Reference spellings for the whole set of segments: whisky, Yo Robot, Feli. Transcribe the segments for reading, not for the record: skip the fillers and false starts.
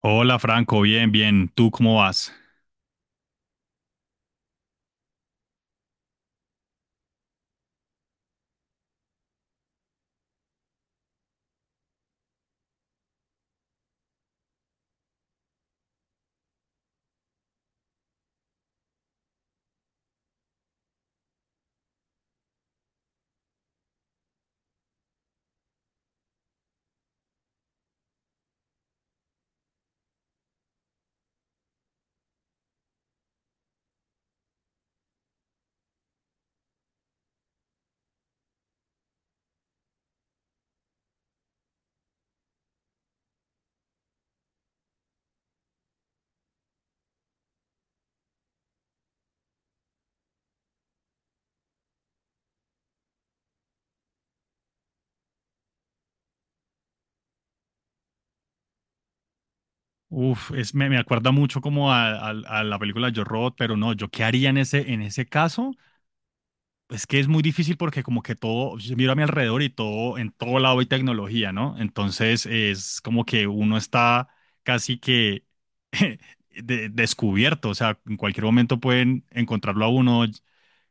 Hola Franco, bien, bien. ¿Tú cómo vas? Uf, me acuerda mucho como a la película Yo Robot, pero no, ¿yo qué haría en en ese caso? Es que es muy difícil porque como que todo, yo miro a mi alrededor y todo, en todo lado hay tecnología, ¿no? Entonces es como que uno está casi que descubierto, o sea, en cualquier momento pueden encontrarlo a uno,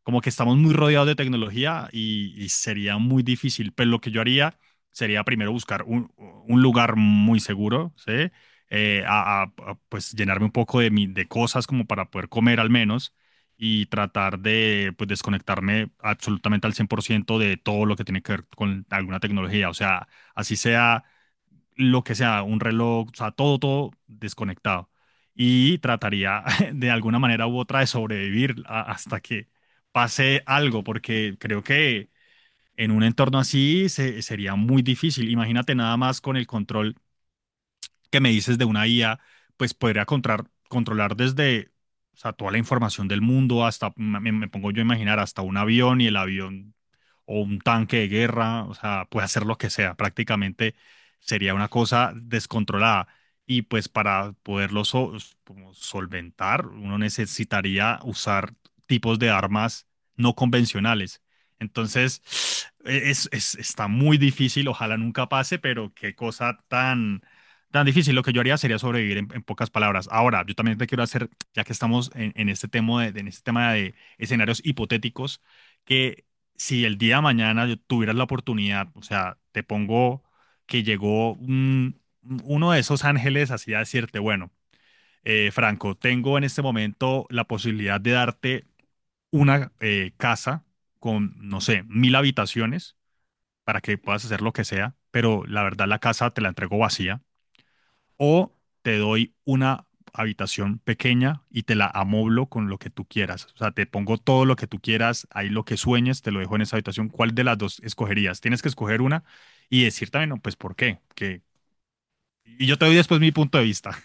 como que estamos muy rodeados de tecnología y sería muy difícil, pero lo que yo haría sería primero buscar un lugar muy seguro, ¿sí? Pues llenarme un poco de cosas como para poder comer al menos y tratar de, pues, desconectarme absolutamente al 100% de todo lo que tiene que ver con alguna tecnología. O sea, así sea lo que sea, un reloj, o sea, todo, todo desconectado. Y trataría de alguna manera u otra de sobrevivir hasta que pase algo, porque creo que en un entorno así sería muy difícil. Imagínate nada más con el control que me dices de una IA, pues podría controlar, controlar desde, o sea, toda la información del mundo hasta, me pongo yo a imaginar, hasta un avión y el avión o un tanque de guerra, o sea, puede hacer lo que sea, prácticamente sería una cosa descontrolada. Y pues para poderlo como solventar, uno necesitaría usar tipos de armas no convencionales. Entonces, está muy difícil, ojalá nunca pase, pero qué cosa tan tan difícil. Lo que yo haría sería sobrevivir en pocas palabras. Ahora, yo también te quiero hacer, ya que estamos en este tema en este tema de escenarios hipotéticos, que si el día de mañana yo tuvieras la oportunidad, o sea, te pongo que llegó uno de esos ángeles así a decirte, bueno, Franco, tengo en este momento la posibilidad de darte una casa con, no sé, 1000 habitaciones para que puedas hacer lo que sea, pero la verdad la casa te la entrego vacía o te doy una habitación pequeña y te la amoblo con lo que tú quieras. O sea, te pongo todo lo que tú quieras, ahí lo que sueñes, te lo dejo en esa habitación. ¿Cuál de las dos escogerías? Tienes que escoger una y decir también, no, pues, ¿por qué? Que... Y yo te doy después mi punto de vista.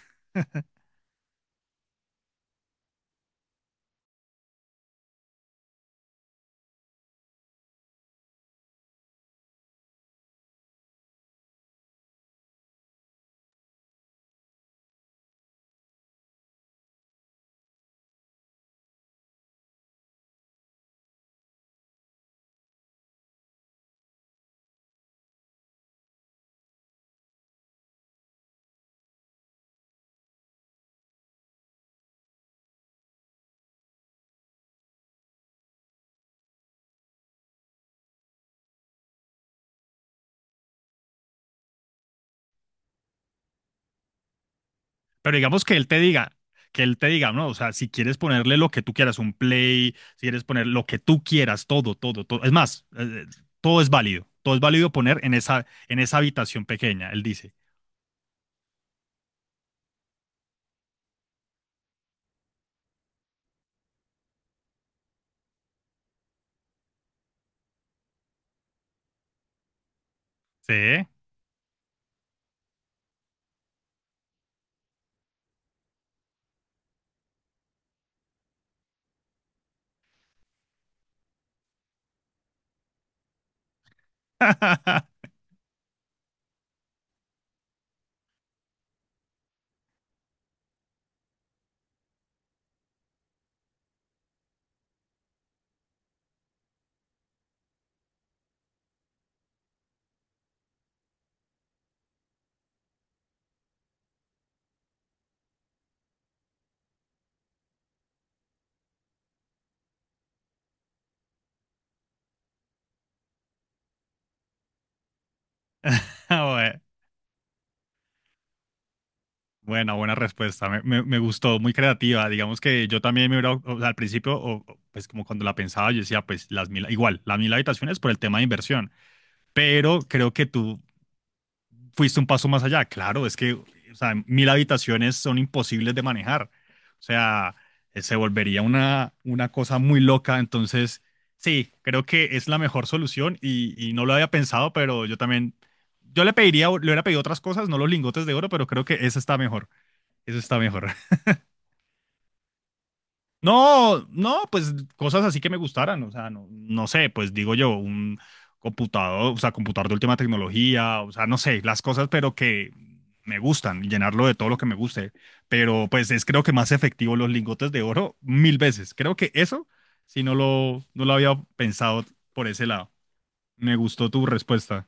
Pero digamos que él te diga, no, o sea, si quieres ponerle lo que tú quieras, un play, si quieres poner lo que tú quieras, todo, todo, todo. Es más, todo es válido. Todo es válido poner en en esa habitación pequeña, él dice. Sí. Ah, bue- Bueno, buena respuesta. Me gustó, muy creativa. Digamos que yo también me hubiera, o sea, al principio, pues como cuando la pensaba, yo decía, pues las 1000, igual, las 1000 habitaciones por el tema de inversión. Pero creo que tú fuiste un paso más allá. Claro, es que, o sea, 1000 habitaciones son imposibles de manejar. O sea, se volvería una cosa muy loca. Entonces, sí, creo que es la mejor solución y no lo había pensado, pero yo también, yo le pediría, le hubiera pedido otras cosas, no los lingotes de oro, pero creo que esa está mejor. Eso está mejor. No, no, pues cosas así que me gustaran, o sea, no, no sé, pues digo yo, un computador, o sea, computador de última tecnología, o sea, no sé, las cosas, pero que me gustan, llenarlo de todo lo que me guste, pero pues es creo que más efectivo los lingotes de oro 1000 veces. Creo que eso, no lo había pensado por ese lado. Me gustó tu respuesta.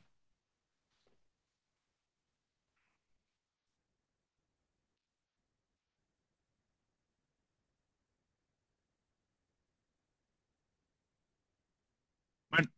Bueno,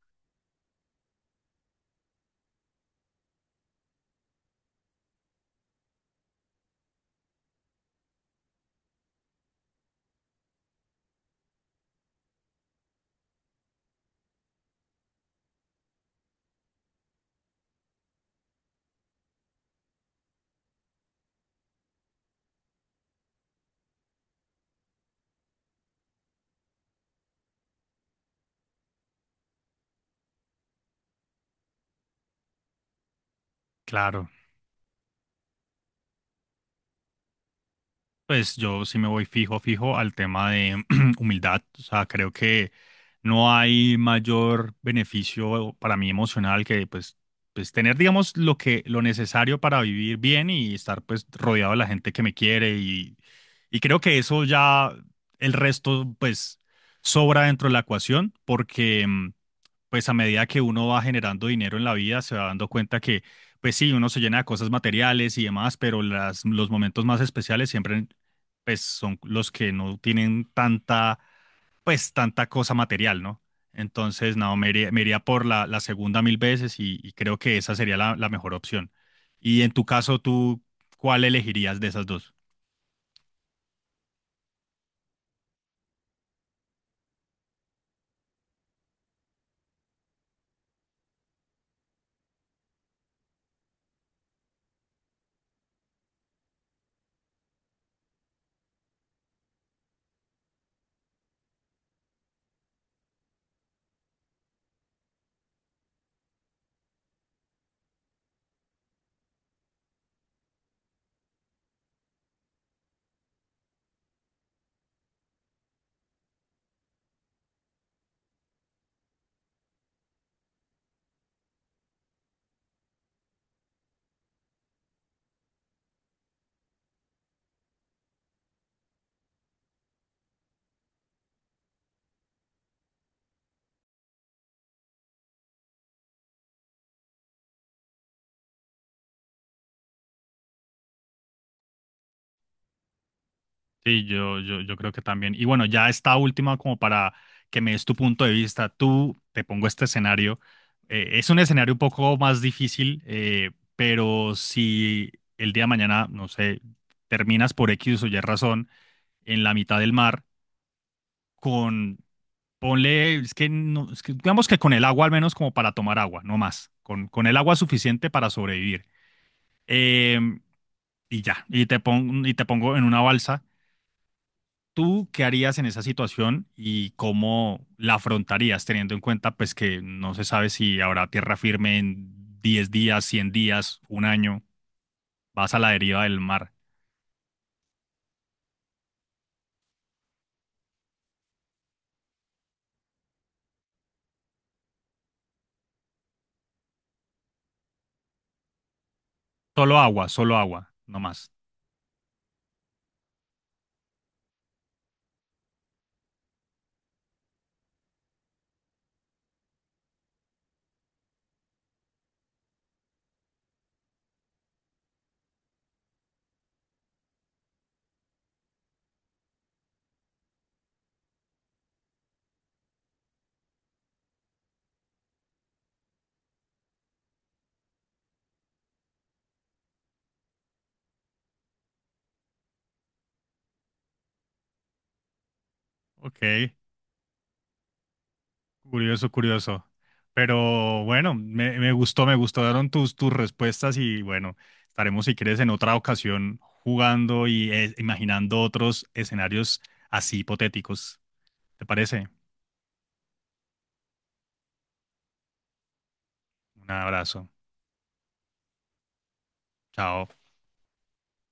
claro. Pues yo sí me voy fijo, fijo al tema de humildad. O sea, creo que no hay mayor beneficio para mí emocional que, pues, pues tener, digamos, lo que, lo necesario para vivir bien y estar pues rodeado de la gente que me quiere y creo que eso ya el resto pues sobra dentro de la ecuación porque pues a medida que uno va generando dinero en la vida, se va dando cuenta que, pues sí, uno se llena de cosas materiales y demás, pero los momentos más especiales siempre, pues son los que no tienen tanta, pues tanta cosa material, ¿no? Entonces, no, me iría por la segunda 1000 veces y creo que esa sería la mejor opción. Y en tu caso, ¿tú cuál elegirías de esas dos? Sí, yo creo que también. Y bueno, ya esta última como para que me des tu punto de vista. Tú te pongo este escenario. Es un escenario un poco más difícil, pero si el día de mañana, no sé, terminas por X o Y razón en la mitad del mar con, ponle, es que, no, es que digamos que con el agua al menos como para tomar agua, no más, con el agua suficiente para sobrevivir. Em, y ya, y te pongo en una balsa. ¿Tú qué harías en esa situación y cómo la afrontarías, teniendo en cuenta, pues, que no se sabe si habrá tierra firme en 10 días, 100 días, un año? Vas a la deriva del mar. Solo agua, no más. Ok, curioso, curioso. Pero bueno, me gustó, me gustaron tus respuestas y bueno, estaremos si quieres en otra ocasión jugando y, imaginando otros escenarios así hipotéticos. ¿Te parece? Un abrazo. Chao.